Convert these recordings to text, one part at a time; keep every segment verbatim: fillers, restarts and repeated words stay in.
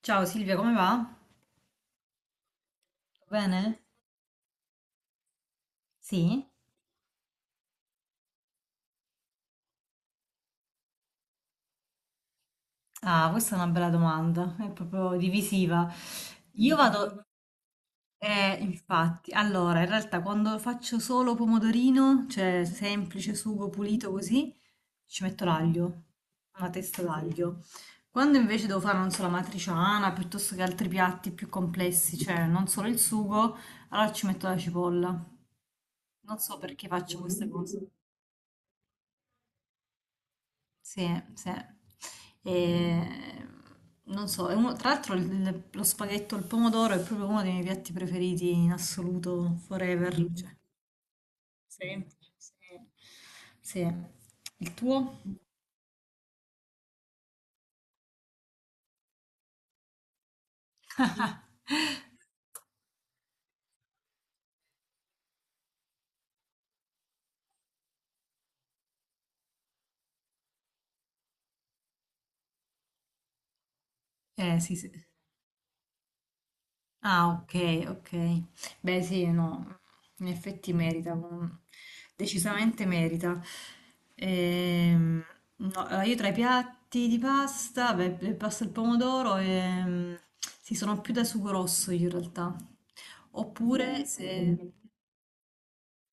Ciao Silvia, come va? Tutto bene? Sì? Ah, questa è una bella domanda, è proprio divisiva. Io vado, eh, infatti, allora, in realtà quando faccio solo pomodorino, cioè semplice sugo pulito così, ci metto l'aglio, una testa d'aglio. Quando invece devo fare, non so, la matriciana, piuttosto che altri piatti più complessi, cioè non solo il sugo, allora ci metto la cipolla. Non so perché faccio queste cose. Sì, sì. E, non so, è uno- tra l'altro il- lo spaghetto al pomodoro è proprio uno dei miei piatti preferiti in assoluto, forever. Mm. Cioè, sempre, sì. Sì. Il tuo? Eh, sì, sì. Ah, ok, ok. Beh, sì, no, in effetti merita, com- decisamente merita. Ehm, no, allora, io tra i piatti di pasta, beh, il pasta al pomodoro, ehm, sì, sono più da sugo rosso io in realtà. Oppure, se,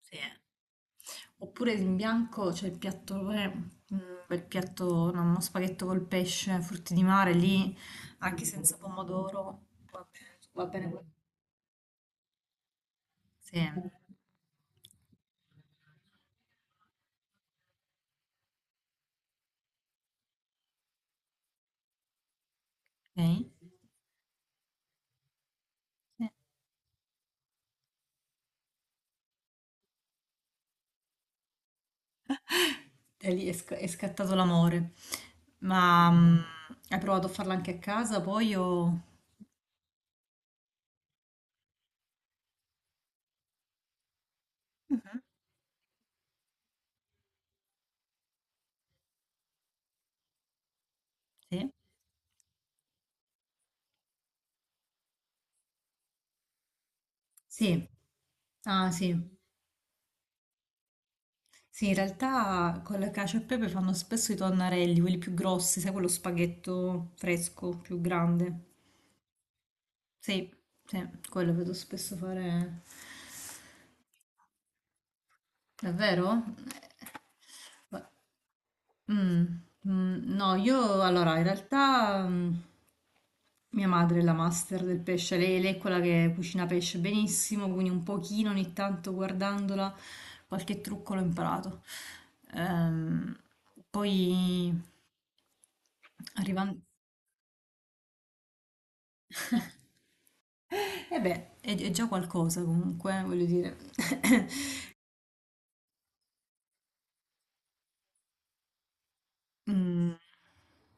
sì, eh. Oppure in bianco c'è il piatto, eh, un bel piatto, no, uno spaghetto col pesce, frutti di mare, lì, anche senza pomodoro, va bene, va bene. Sì. Okay. Eh, da lì è, sc- è scattato l'amore. Ma mm, hai provato a farla anche a casa poi o... Sì? Sì. Ah sì. Sì, in realtà con la cacio e pepe fanno spesso i tonnarelli, quelli più grossi, sai, quello spaghetto fresco, più grande. Sì, sì, quello vedo spesso fare. Davvero? Eh, ma- Mm, mm, no, io allora in realtà mm, mia madre è la master del pesce, lei, lei è quella che cucina pesce benissimo, quindi un pochino ogni tanto guardandola qualche trucco l'ho imparato. Ehm, poi arrivando... E beh, è, è già qualcosa comunque, voglio dire. Mm.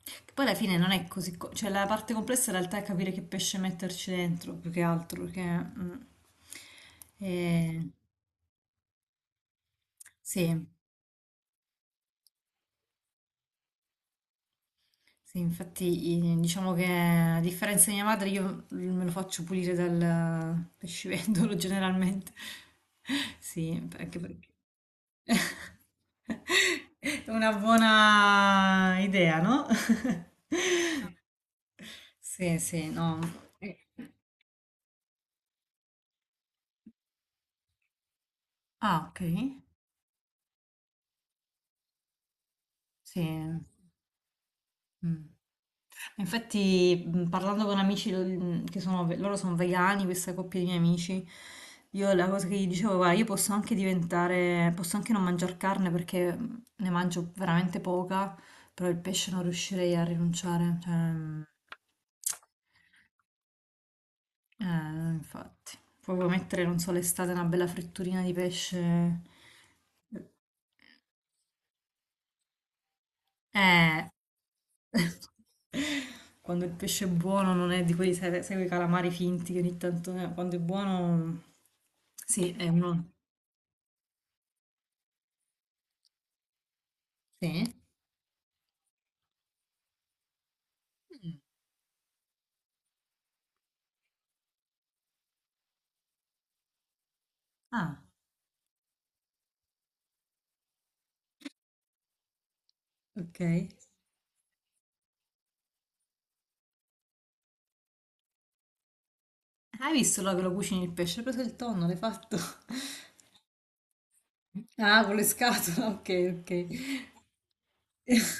Che poi alla fine non è così, co- cioè la parte complessa in realtà è capire che pesce metterci dentro, più che altro, perché mm, eh, sì, sì, infatti eh, diciamo che a differenza di mia madre io me lo faccio pulire dal pescivendolo generalmente, sì, anche perché è una buona idea, no? Sì, sì, no. Ah, ok, sì. Mm. Infatti, mh, parlando con amici lo- mh, che sono, ve- loro sono vegani, questa coppia di miei amici, io la cosa che gli dicevo, guarda, io posso anche diventare, posso anche non mangiare carne perché mh, ne mangio veramente poca, però il pesce non riuscirei a rinunciare. Cioè, mh, eh, infatti, proprio mettere, non so, l'estate una bella fritturina di pesce. Eh. Quando il pesce è buono non è di quelli, sai, sai quei calamari finti che ogni tanto... eh, quando è buono... Sì, è uno... Sì? Ah, ok. Hai visto là che lo cucini il pesce? Hai preso il tonno, l'hai fatto? Ah, con le scatole, ok, ok.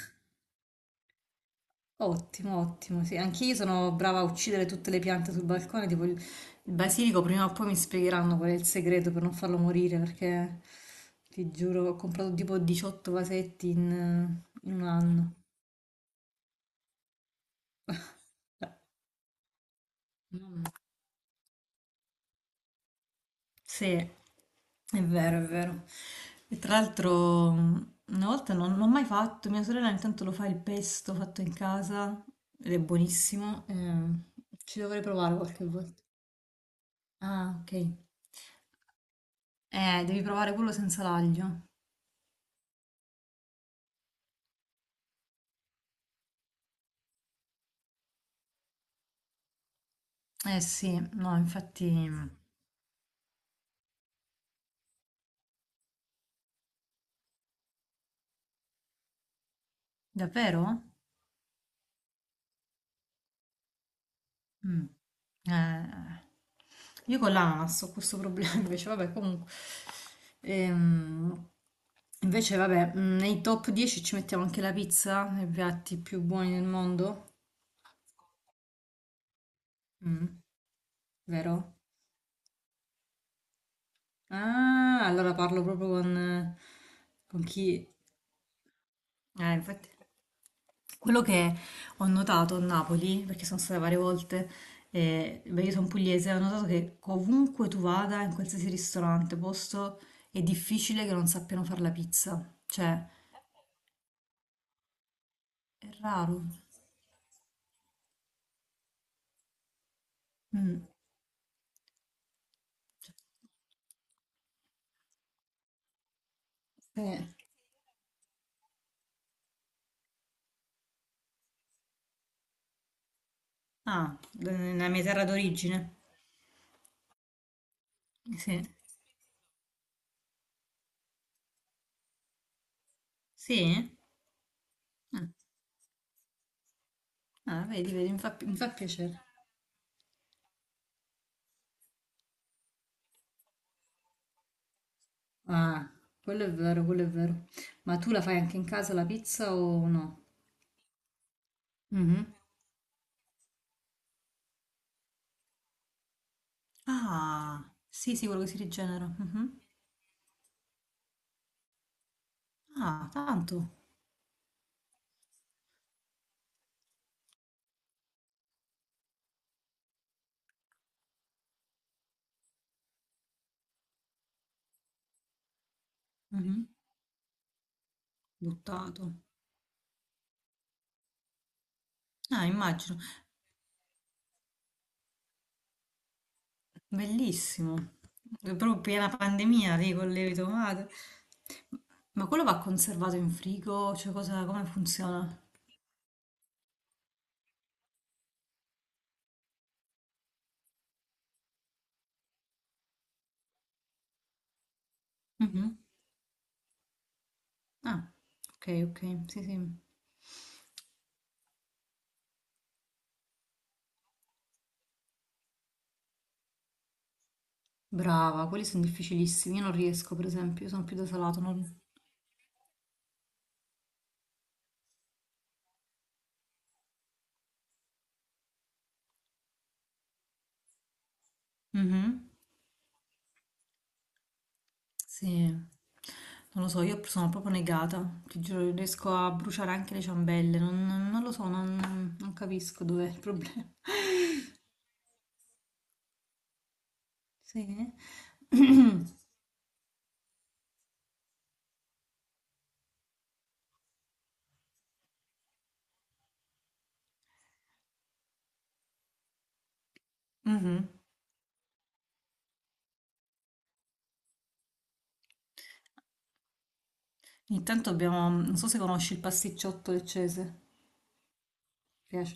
Ottimo, ottimo. Sì, anch'io sono brava a uccidere tutte le piante sul balcone. Tipo il, il basilico, prima o poi mi spiegheranno qual è il segreto per non farlo morire. Perché ti giuro, ho comprato tipo diciotto vasetti in, in un anno. Cioè, mamma- sì, è vero, è vero. E tra l'altro, mh, una volta non, non ho mai fatto. Mia sorella intanto lo fa il pesto fatto in casa ed è buonissimo. eh, ci dovrei provare qualche volta. Ah, ok. Eh, devi provare quello senza l'aglio. Eh sì, no, infatti, davvero? Mm. Eh, io con l'ananas ho questo problema invece, vabbè, comunque. Ehm, invece, vabbè, mm, nei top dieci ci mettiamo anche la pizza, nei piatti più buoni del mondo. Mm, vero? Ah, allora parlo proprio con, con chi... Eh, infatti... Quello che ho notato a Napoli, perché sono stata varie volte, e, beh, io sono pugliese, ho notato che ovunque tu vada, in qualsiasi ristorante, posto, è difficile che non sappiano fare la pizza. Cioè, è raro. Mm. Eh, Ah, d- nella mia terra d'origine. Sì. Sì? Ah, ah, vedi, vedi, mi fa, pi- mi fa piacere. Ah, quello è vero, quello è vero. Ma tu la fai anche in casa la pizza o no? Mhm. Ah, sì, sì, quello che si rigenera. Mhm. Ah, tanto. Mhm. Buttato. Ah, immagino. Bellissimo. È proprio piena pandemia lì con le tomate. Ma quello va conservato in frigo? Cioè, cosa, come funziona? Mhm. Ah, ok, ok. Sì, sì. Brava, quelli sono difficilissimi. Io non riesco, per esempio, io sono più da salato. Non... Mhm. Sì, non lo so, io sono proprio negata, ti giuro, riesco a bruciare anche le ciambelle, non, non lo so, non, non capisco dov'è il problema. Sì. Mhm. Intanto abbiamo, non so se conosci il pasticciotto leccese. Piace.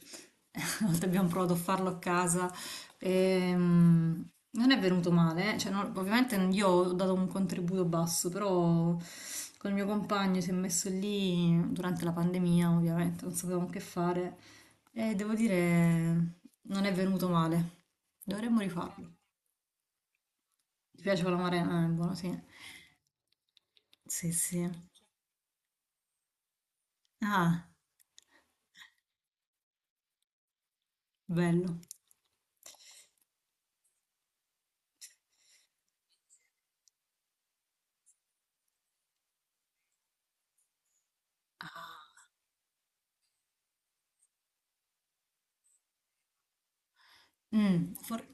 Una volta abbiamo provato a farlo a casa. ehm, non è venuto male, eh. Cioè, non- ovviamente io ho dato un contributo basso, però con il mio compagno si è messo lì durante la pandemia, ovviamente, non sapevamo che fare e devo dire non è venuto male. Dovremmo rifarlo. Ti piace con la marena? Eh, buono, sì. Sì, sì. Ah, bello. Mm, for-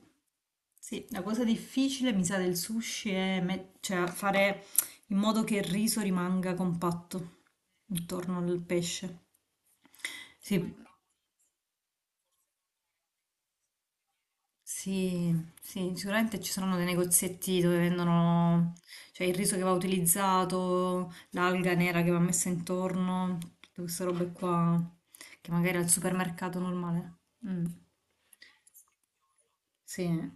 Sì, la cosa difficile, mi sa, del sushi è me- cioè, fare in modo che il riso rimanga compatto intorno al pesce. Sì, sì, sì, sicuramente ci saranno dei negozietti dove vendono, cioè, il riso che va utilizzato, l'alga nera che va messa intorno, tutte queste robe qua, che magari al supermercato normale. Mm, sì, in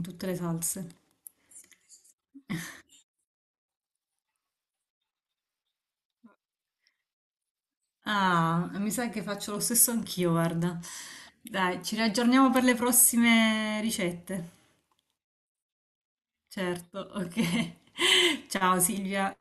tutte le salse. Ah, mi sa che faccio lo stesso anch'io, guarda. Dai, ci riaggiorniamo per le prossime ricette. Certo, ok. Ciao Silvia.